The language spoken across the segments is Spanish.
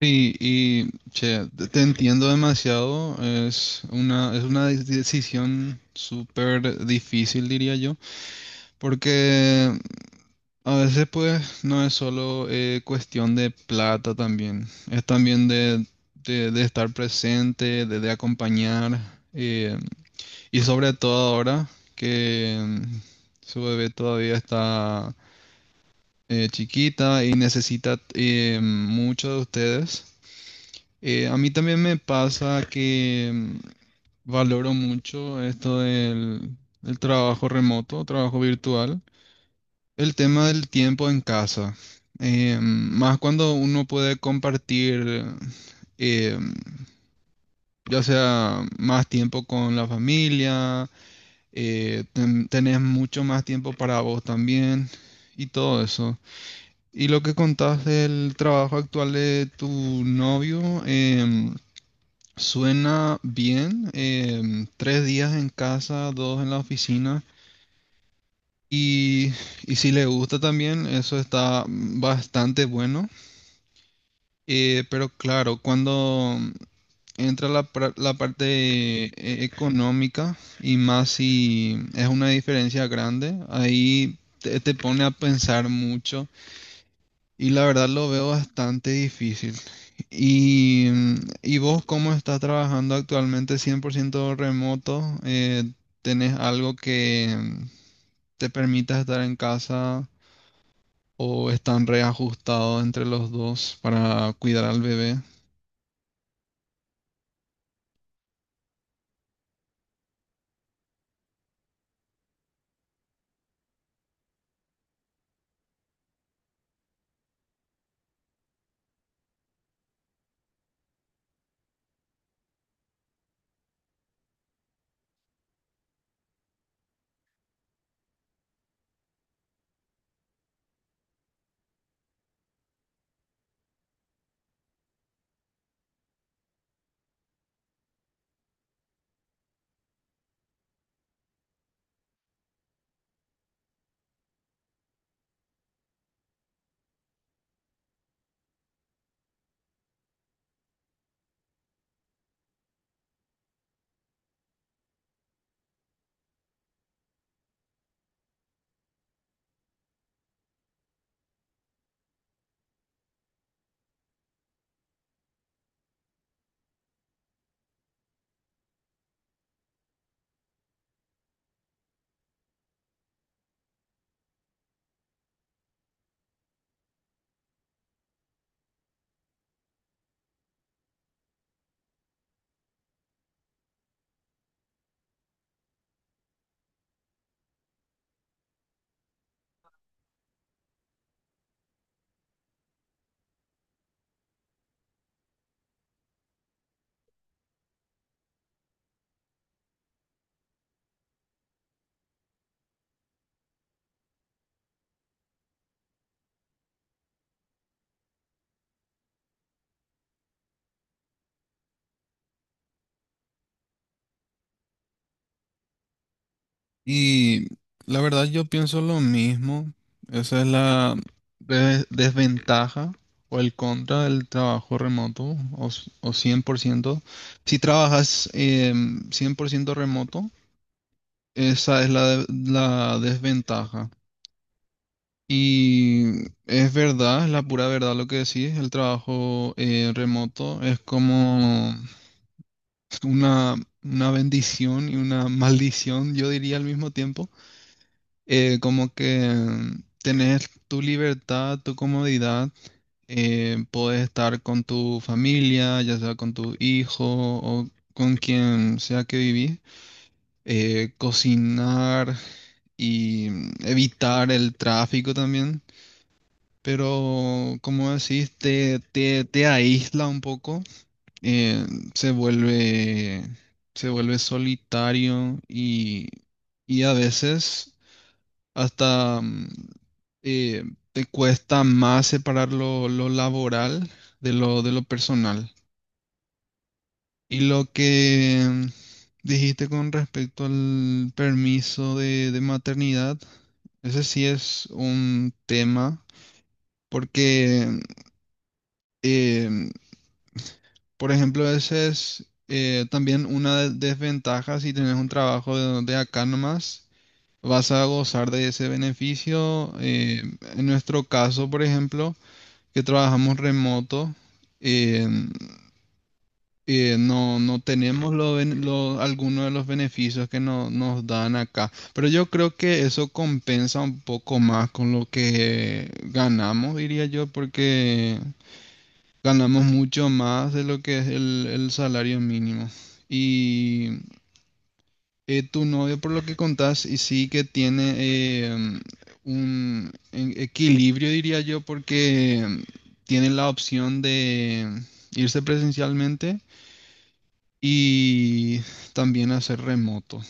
Sí, y che, te entiendo demasiado. Es una decisión súper difícil, diría yo, porque a veces pues no es solo cuestión de plata también, es también de estar presente, de acompañar, eh, y sobre todo ahora que su bebé todavía está chiquita y necesita mucho de ustedes. A mí también me pasa que valoro mucho esto del trabajo remoto, trabajo virtual, el tema del tiempo en casa. Más cuando uno puede compartir, eh, ya sea más tiempo con la familia. Tenés mucho más tiempo para vos también y todo eso. Y lo que contás del trabajo actual de tu novio, suena bien, 3 días en casa, 2 en la oficina. Y, y si le gusta también, eso está bastante bueno. Pero claro, cuando entra la parte económica, y más si es una diferencia grande, ahí te pone a pensar mucho. Y la verdad lo veo bastante difícil. ¿Y, mm, ¿y vos cómo estás trabajando actualmente 100% remoto? ¿Tenés algo que te permita estar en casa, o están reajustados entre los dos para cuidar al bebé? Y la verdad yo pienso lo mismo. Esa es la desventaja o el contra del trabajo remoto, o 100%. Si trabajas 100% remoto, esa es la desventaja. Y es verdad, es la pura verdad lo que decís, el trabajo remoto es como una, una bendición y una maldición, yo diría al mismo tiempo. Como que tenés tu libertad, tu comodidad, podés estar con tu familia, ya sea con tu hijo o con quien sea que vivís, cocinar y evitar el tráfico también. Pero como decís, te aísla un poco, eh, se vuelve, se vuelve solitario, y a veces hasta eh, te cuesta más separar lo laboral de lo personal. Y lo que dijiste con respecto al permiso de maternidad, ese sí es un tema, porque eh, mm, por ejemplo, ese es también una desventaja si tienes un trabajo de acá nomás. Vas a gozar de ese beneficio. En nuestro caso, por ejemplo, que trabajamos remoto, eh, no tenemos alguno de los beneficios que nos dan acá. Pero yo creo que eso compensa un poco más con lo que ganamos, diría yo, porque ganamos mucho más de lo que es el salario mínimo. Y tu novio, por lo que contás, y sí que tiene un equilibrio, diría yo, porque tiene la opción de irse presencialmente y también hacer remoto.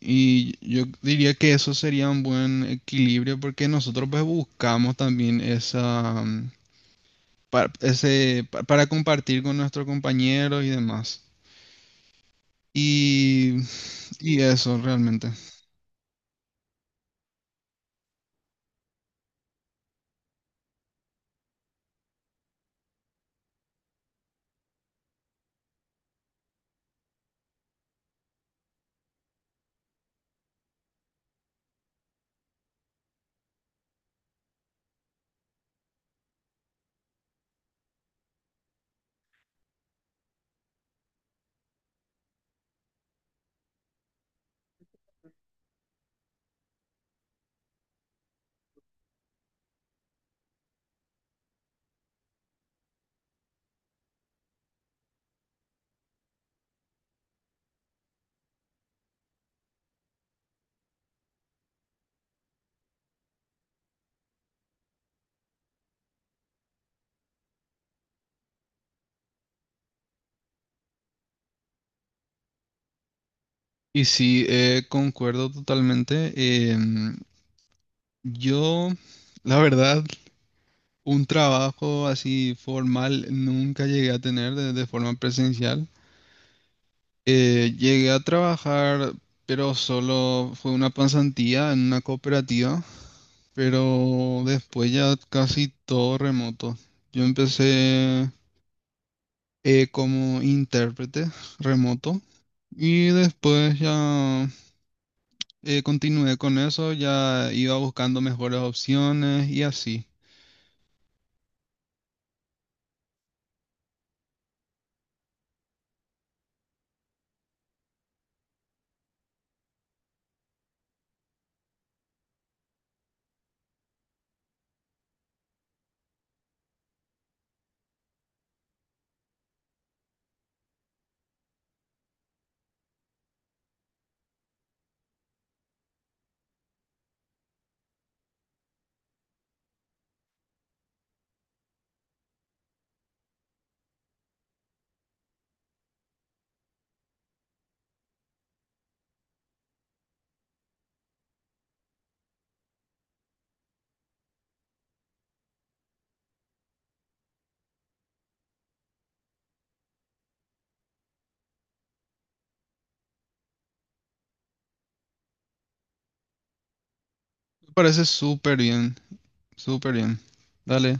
Y yo diría que eso sería un buen equilibrio, porque nosotros pues buscamos también esa, mm, pa- ese, pa- para compartir con nuestros compañeros y demás. Y, y eso realmente. Y sí, concuerdo totalmente. Em, yo, la verdad, un trabajo así formal nunca llegué a tener de forma presencial. Llegué a trabajar, pero solo fue una pasantía en una cooperativa, pero después ya casi todo remoto. Yo empecé como intérprete remoto y después continué con eso, ya iba buscando mejores opciones y así. Me parece súper bien, súper bien. Dale.